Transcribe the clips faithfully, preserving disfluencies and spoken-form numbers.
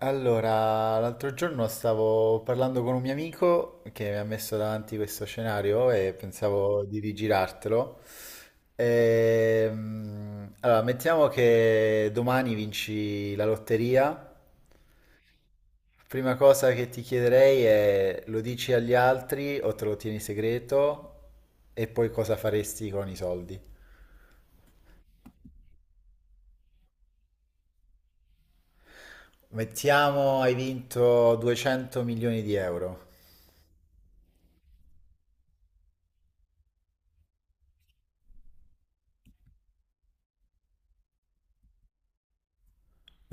Allora, l'altro giorno stavo parlando con un mio amico che mi ha messo davanti questo scenario e pensavo di rigirartelo. Ehm, allora, mettiamo che domani vinci la lotteria. Prima cosa che ti chiederei è: lo dici agli altri o te lo tieni segreto e poi cosa faresti con i soldi? Mettiamo hai vinto duecento milioni di euro.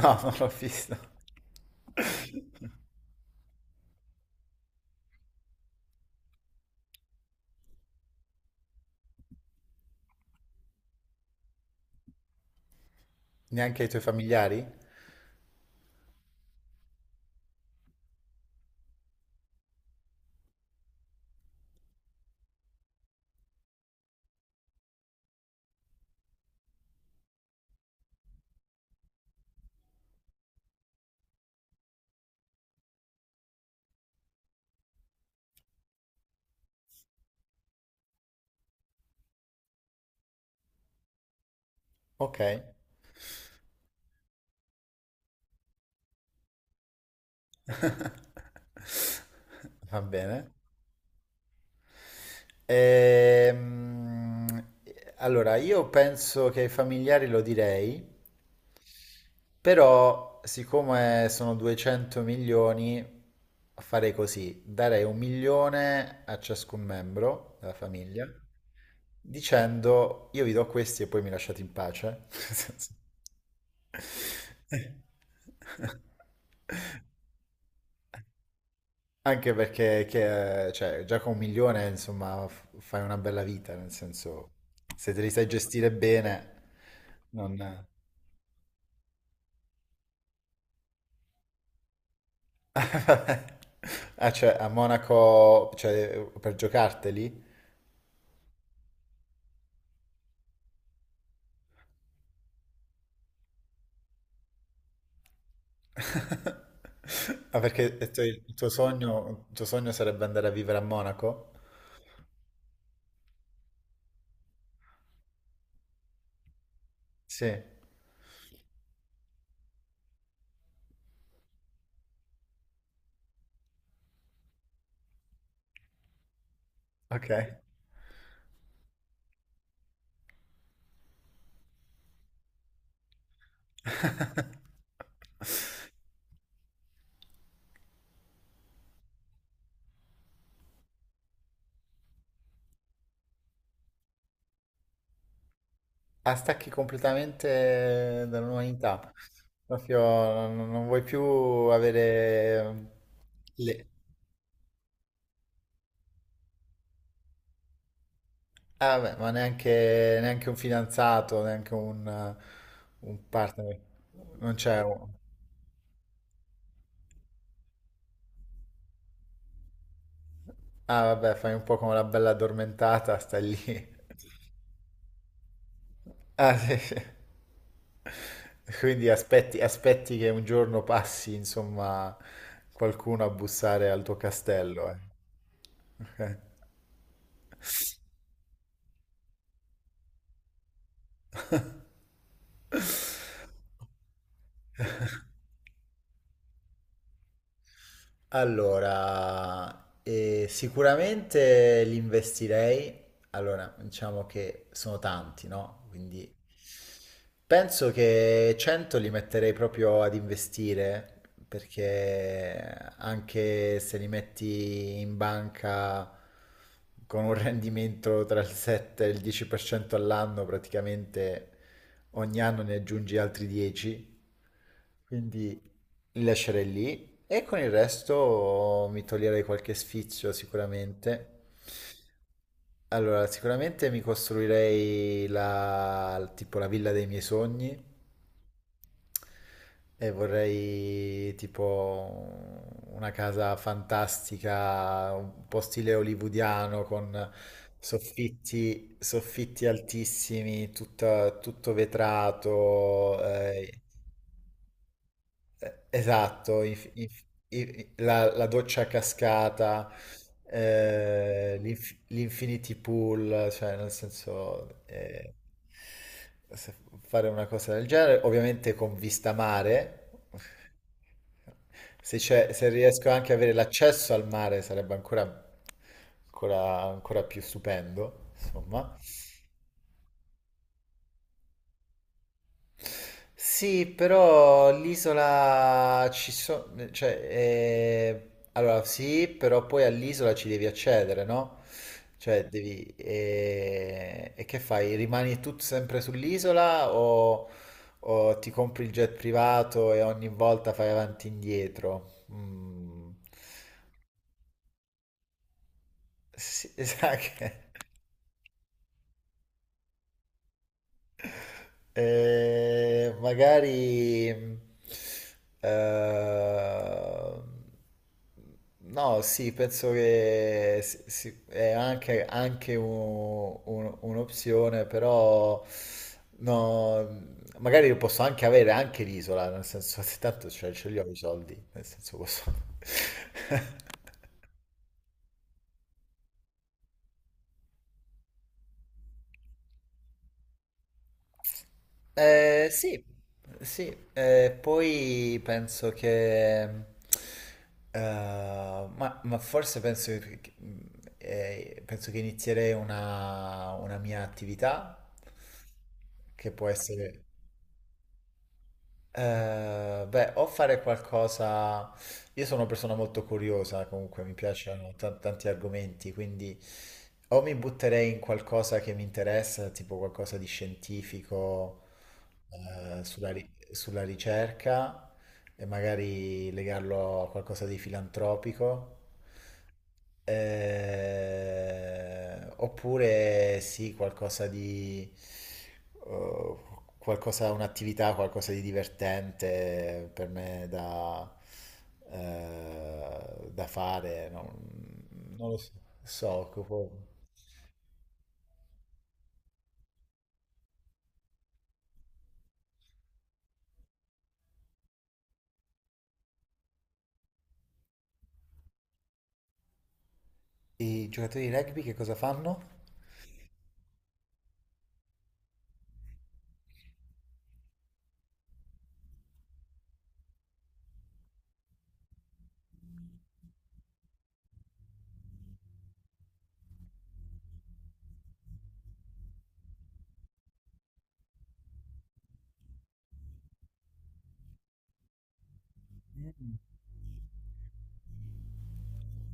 No, non l'ho visto. Neanche i tuoi familiari? Ok, va bene. Ehm, allora, io penso che ai familiari lo direi, però siccome sono duecento milioni, farei così: darei un milione a ciascun membro della famiglia, dicendo: io vi do questi e poi mi lasciate in pace. Nel senso- Anche perché che- cioè, già con un milione, insomma, f- fai una bella vita, nel senso, se te li sai gestire bene, non... Ah, cioè, a Monaco, cioè, per giocarteli? Ah, perché il tuo, il tuo sogno, il tuo sogno sarebbe andare a vivere a Monaco? Sì, ok. Ah, stacchi completamente dall'umanità. Proprio non, non vuoi più avere le, ah, beh, ma neanche, neanche un fidanzato, neanche un, un partner. Non c'è un... Ah, vabbè, fai un po' come la bella addormentata, stai lì. Ah, sì, sì. Quindi aspetti, aspetti che un giorno passi, insomma, qualcuno a bussare al tuo castello, eh. Ok. Allora, eh, sicuramente li investirei. Allora, diciamo che sono tanti, no? Quindi penso che cento li metterei proprio ad investire, perché anche se li metti in banca con un rendimento tra il sette e il dieci per cento all'anno, praticamente ogni anno ne aggiungi altri dieci. Quindi li lascerei lì e con il resto mi toglierei qualche sfizio sicuramente. Allora, sicuramente mi costruirei la, tipo la villa dei miei sogni e vorrei tipo una casa fantastica, un po' stile hollywoodiano con soffitti, soffitti altissimi, tutta- tutto vetrato, eh, eh, esatto, inf- inf- i- la, la doccia a cascata, eh, l'inf- l'infinity pool, cioè nel senso eh, se- fare una cosa del genere, ovviamente con vista mare, se, c'è- se riesco anche ad avere l'accesso al mare sarebbe ancora, ancora, ancora più stupendo, insomma. Sì, però l'isola ci sono, cioè, eh, allora sì, però poi all'isola ci devi accedere, no? Cioè, devi, eh, e che fai? Rimani tu sempre sull'isola o, o ti compri il jet privato e ogni volta fai avanti e indietro? Mm. Sì, esatto. Eh, magari eh, no, sì, penso che si- si- è anche, anche un- un- un'opzione, però no, magari lo posso anche avere anche l'isola, nel senso, se tanto ce, ce li ho i soldi, nel senso posso. Eh, sì, sì, eh, poi penso che, eh, ma, ma forse penso che, che- eh, penso che inizierei una, una mia attività che può essere, eh, beh, o fare qualcosa... Io sono una persona molto curiosa, comunque mi piacciono ta- tanti argomenti, quindi o mi butterei in qualcosa che mi interessa, tipo qualcosa di scientifico, eh, sulla, ri- sulla ricerca, e magari legarlo a qualcosa di filantropico. Eh, oppure sì, qualcosa di... eh, qualcosa, un'attività, qualcosa di divertente per me da, eh, da fare. Non Non lo so. So, tipo, i giocatori di rugby che cosa fanno?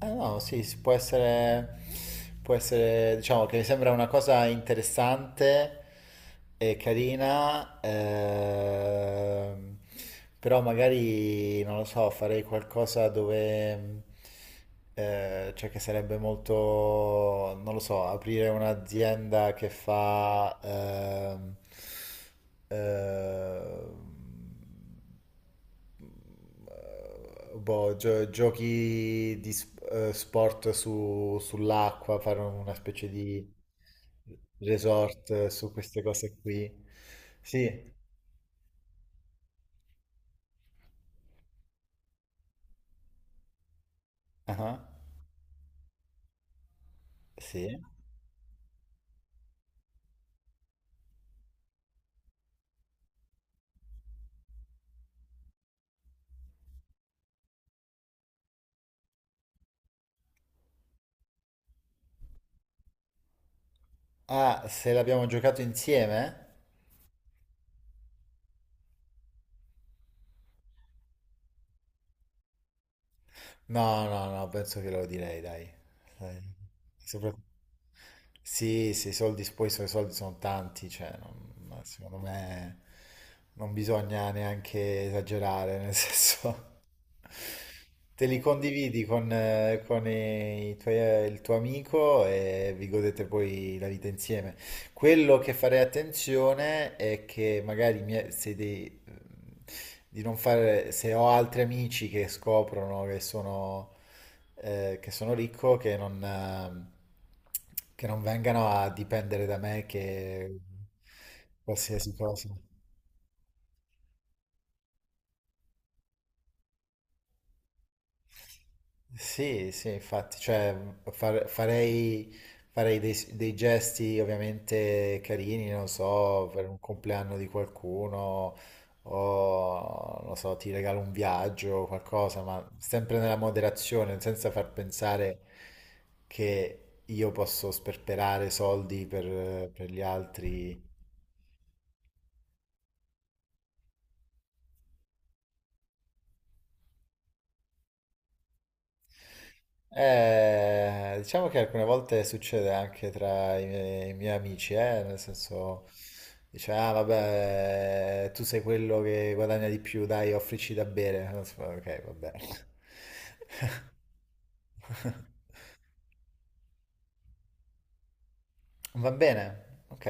Eh no, sì, si può essere, può essere, diciamo che mi sembra una cosa interessante e carina, ehm, però magari, non lo so, farei qualcosa dove, eh, cioè che sarebbe molto, non lo so, aprire un'azienda che fa, ehm, ehm, boh, gio- giochi di s- eh, sport su- sull'acqua, fare una specie di resort eh, su queste cose qui. Sì. Ah, sì. Ah, se l'abbiamo giocato insieme? No, no, no, penso che lo direi, dai. Dai. Sopra- Sì, sì, i soldi, poi so, i suoi soldi sono tanti, cioè, non- ma secondo me non bisogna neanche esagerare, nel senso, te li condividi con, eh, con i tuoi- il tuo amico e vi godete poi la vita insieme. Quello che farei attenzione è che magari mi- se dei- di non fare, se ho altri amici che scoprono che sono, eh, che sono ricco, che non, eh, che non vengano a dipendere da me che qualsiasi cosa. Sì, sì, infatti, cioè far- farei, farei dei, dei gesti ovviamente carini, non so, per un compleanno di qualcuno o, non so, ti regalo un viaggio o qualcosa, ma sempre nella moderazione, senza far pensare che io posso sperperare soldi per, per gli altri. Eh, diciamo che alcune volte succede anche tra i miei, i miei amici, eh, nel senso, dice: ah vabbè, tu sei quello che guadagna di più, dai, offrici da bere. Ok, va bene. Va bene, ok.